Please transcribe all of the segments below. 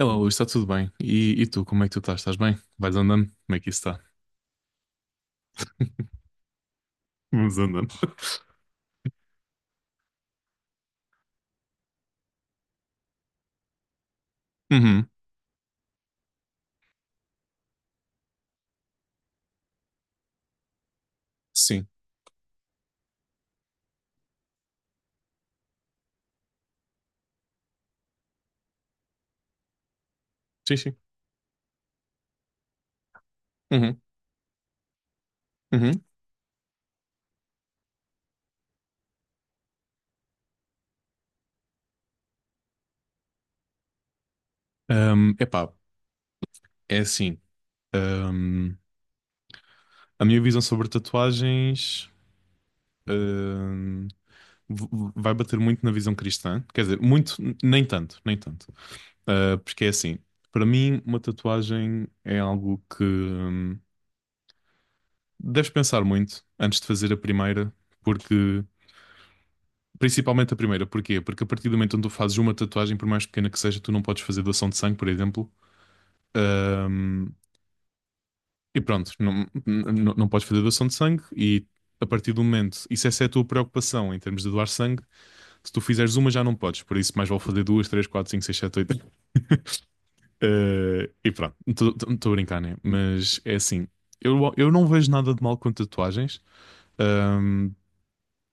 Olá, Luís, está tudo bem? E tu, como é que tu estás? Estás bem? Vais andando? Como é que isso está? Vamos andando. Uhum. Sim, sim, sim. Uhum. Uhum. Epá, é assim. um, a minha visão sobre tatuagens um, vai bater muito na visão cristã. Quer dizer, muito, nem tanto, nem tanto. Porque é assim, para mim, uma tatuagem é algo que deves pensar muito antes de fazer a primeira, porque… Principalmente a primeira, porquê? Porque a partir do momento onde tu fazes uma tatuagem, por mais pequena que seja, tu não podes fazer doação de sangue, por exemplo. Ahm, e pronto, não podes fazer doação de sangue. E a partir do momento, e se essa é a tua preocupação em termos de doar sangue, se tu fizeres uma já não podes. Por isso, mais vale fazer duas, três, quatro, cinco, seis, sete, oito. Ah, e pronto, estou a brincar, né? Mas é assim, eu não vejo nada de mal com tatuagens. Ahm,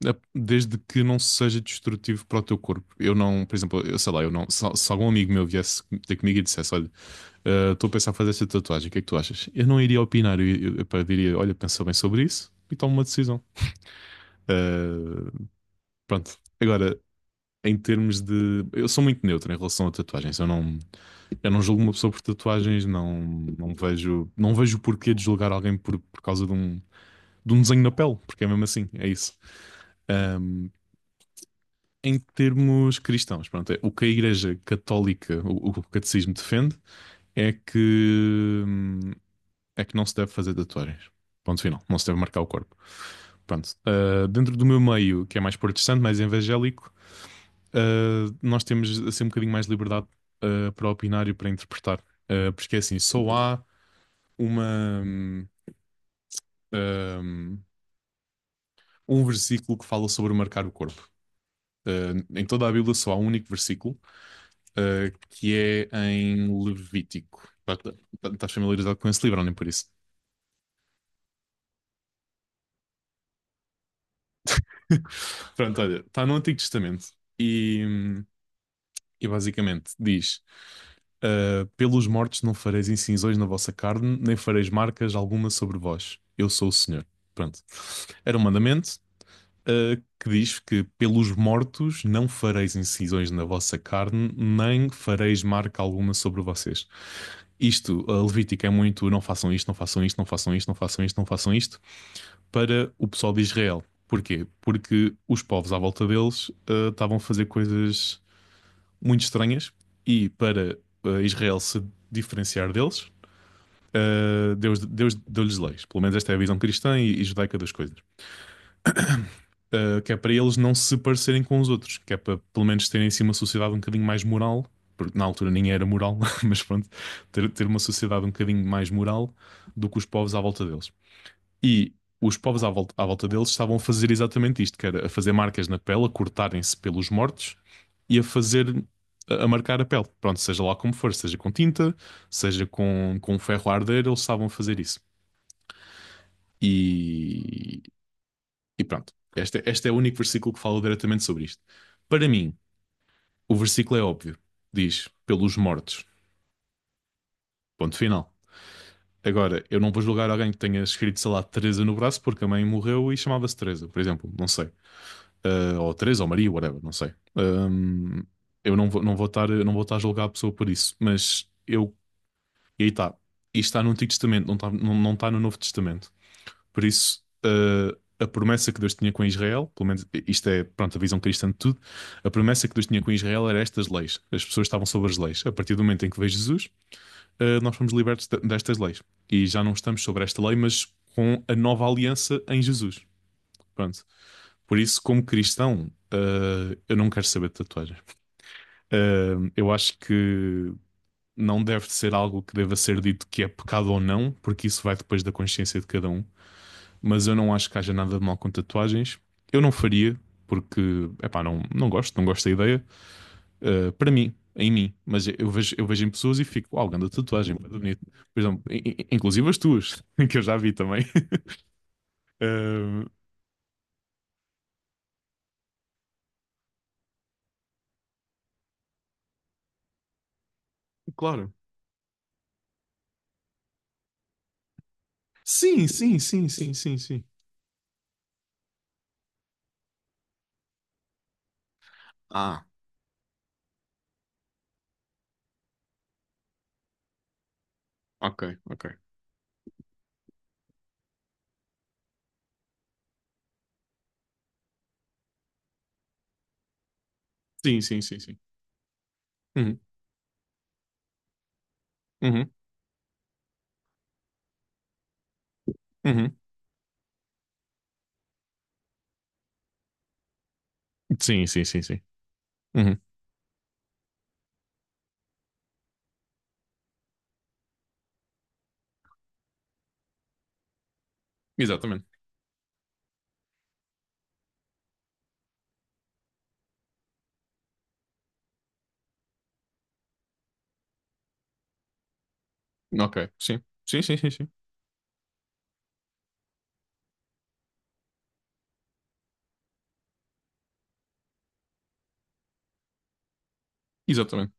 Desde que não seja destrutivo para o teu corpo. Eu não, por exemplo, eu sei lá, eu não. Se algum amigo meu viesse ter comigo e dissesse, olha, estou a pensar em fazer esta tatuagem, o que é que tu achas? Eu não iria opinar, eu pá, diria, olha, pensa bem sobre isso e toma uma decisão. Eh, Pronto. Agora, em termos de… Eu sou muito neutro em relação a tatuagens. Eu não julgo uma pessoa por tatuagens, não, não vejo o porquê de julgar alguém por causa de um desenho na pele, porque é mesmo assim, é isso. Em termos cristãos, pronto, é, o que a Igreja Católica, o catecismo defende, é que, hum, é que não se deve fazer tatuagens. Ponto final, não se deve marcar o corpo. Pronto, ah, dentro do meu meio, que é mais protestante, mais evangélico, ah, nós temos assim um bocadinho mais de liberdade ah, para opinar e para interpretar. Ah, porque é assim, só há uma, hum, ah, um versículo que fala sobre marcar o corpo. Ah, em toda a Bíblia só há um único versículo que é em Levítico. Pá, estás familiarizado com esse livro, ou nem por isso? Pronto, olha, está no Antigo Testamento e, hum, e basicamente diz: ah, pelos mortos não fareis incisões na vossa carne, nem fareis marcas alguma sobre vós. Eu sou o Senhor. Pronto. Era um mandamento que diz que pelos mortos não fareis incisões na vossa carne, nem fareis marca alguma sobre vocês. Isto, a Levítica é muito não façam isto, não façam isto, não façam isto, não façam isto, não façam isto, para o pessoal de Israel. Porquê? Porque os povos à volta deles estavam a fazer coisas muito estranhas e para Israel se diferenciar deles, Deus deu-lhes leis. Pelo menos esta é a visão cristã e judaica das coisas. Que é para eles não se parecerem com os outros, que é para pelo menos terem assim uma sociedade um bocadinho mais moral, porque na altura nem era moral, mas pronto, ter uma sociedade um bocadinho mais moral do que os povos à volta deles. E os povos à volta deles estavam a fazer exatamente isto, que era a fazer marcas na pele, a cortarem-se pelos mortos e a fazer, a marcar a pele. Pronto, seja lá como for, seja com tinta, seja com ferro a arder, eles estavam a fazer isso. E, e pronto, este é o único versículo que fala diretamente sobre isto. Para mim, o versículo é óbvio. Diz, pelos mortos. Ponto final. Agora, eu não vou julgar alguém que tenha escrito, sei lá, Teresa no braço porque a mãe morreu e chamava-se Teresa, por exemplo. Não sei. Ah, ou Teresa ou Maria, whatever, não sei. Eu não vou, não vou estar a julgar a pessoa por isso. Mas eu… E aí está. Isto está no Antigo Testamento, não está, não está no Novo Testamento. Por isso, eh, a promessa que Deus tinha com Israel, pelo menos isto é, pronto, a visão cristã de tudo, a promessa que Deus tinha com Israel era estas leis. As pessoas estavam sobre as leis. A partir do momento em que veio Jesus, eh, nós fomos libertos destas leis. E já não estamos sobre esta lei, mas com a nova aliança em Jesus. Pronto. Por isso, como cristão, eh, eu não quero saber de tatuagens. Eh, eu acho que não deve ser algo que deva ser dito que é pecado ou não, porque isso vai depois da consciência de cada um, mas eu não acho que haja nada de mal com tatuagens. Eu não faria, porque, epá, não, não gosto da ideia. Para mim, em mim, mas eu vejo em pessoas e fico, uau, grande tatuagem, muito bonito. Por exemplo, inclusive as tuas, que eu já vi também. Uh, claro. Sim, sim, sim, sim, sim, sim. Ah, ok, ok. Sim, sim, sim, sim. Uhum, uhum, uhum. Sim, sim, sim, sim. Uhum. Exatamente. Ok, sim. Sim, sim, sim, sim. Exatamente.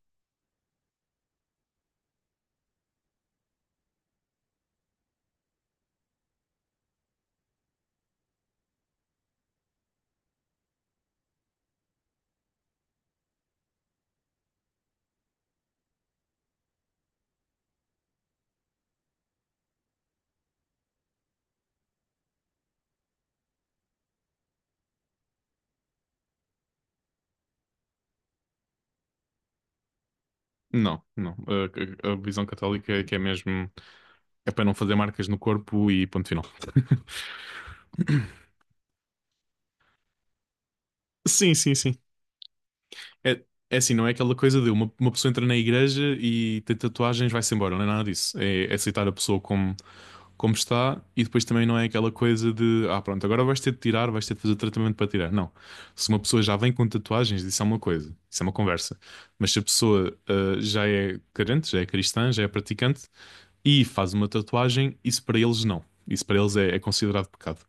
Não, não. A visão católica é que é mesmo. É para não fazer marcas no corpo e ponto final. Sim, sim, sim. É, é assim, não é aquela coisa de uma pessoa entra na igreja e tem tatuagens, vai-se embora, não é nada disso. É, é aceitar a pessoa como, como está e depois também não é aquela coisa de ah, pronto, agora vais ter de tirar, vais ter de fazer tratamento para tirar. Não. Se uma pessoa já vem com tatuagens, isso é uma coisa, isso é uma conversa. Mas se a pessoa ah, já é crente, já é cristã, já é praticante e faz uma tatuagem, isso para eles não. Isso para eles é, é considerado pecado.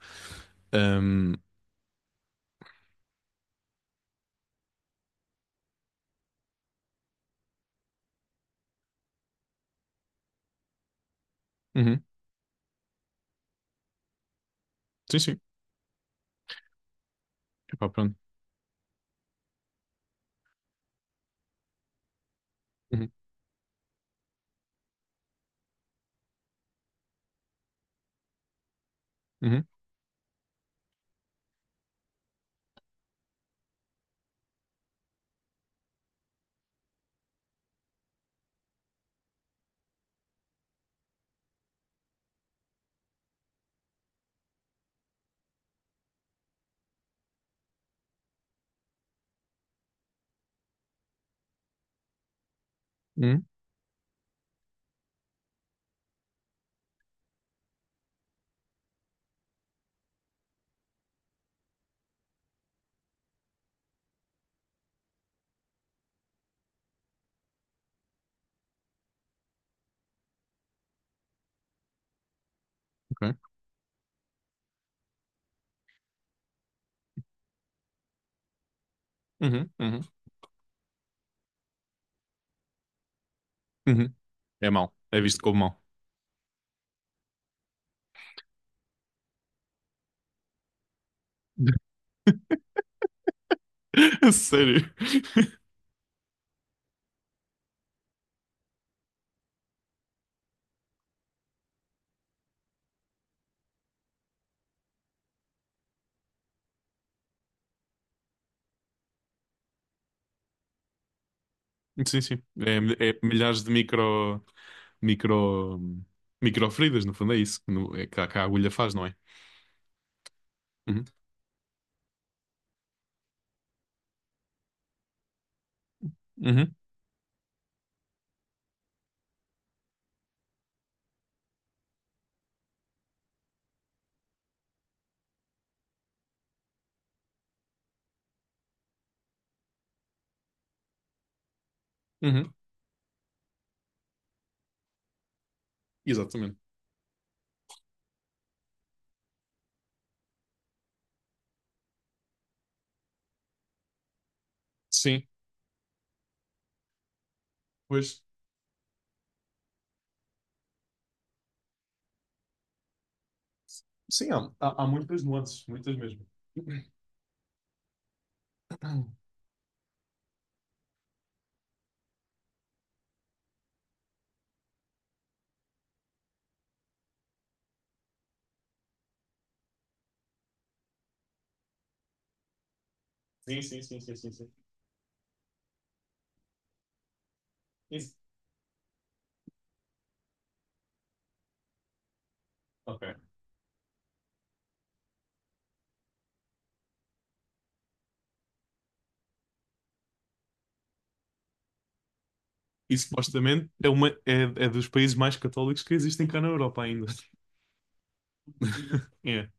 Ahm, uhum. Sim, sim. Epá, pronto. Uhum, uhum, uhum, ok. Uhum, uhum, uhum. É mau. É visto como mau. A sério. Sim, sim. É, é milhares de micro, micro, micro feridas, no fundo, é isso que, é que que a agulha faz, não é? Uhum, uhum, uhum. Exatamente. Sim, pois. Sim, há, há, há muitas nuances, muitas mesmo. Sim, sim, sim, sim, sim, sim. Isso. Ok. E supostamente é, uma, é, é dos países mais católicos que existem cá na Europa ainda. É.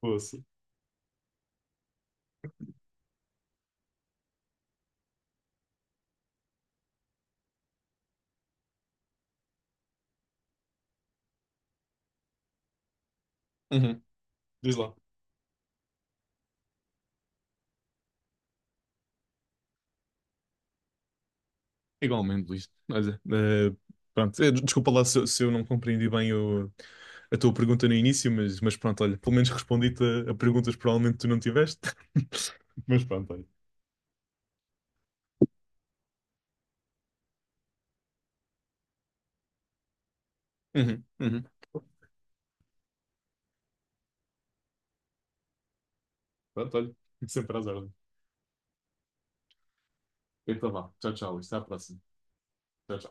Poça. Uhum. Diz lá. Igualmente, Luís. Olha, eh, pronto, eh, desculpa lá se eu não compreendi bem a tua pergunta no início, mas pronto, olha, pelo menos respondi-te a perguntas que provavelmente tu não tiveste. Mas pronto, olha. Uhum, uhum. Pronto, olha. Sempre às ordens. Então vá. Tchau, tchau. Luís. Até à próxima. Tchau, tchau.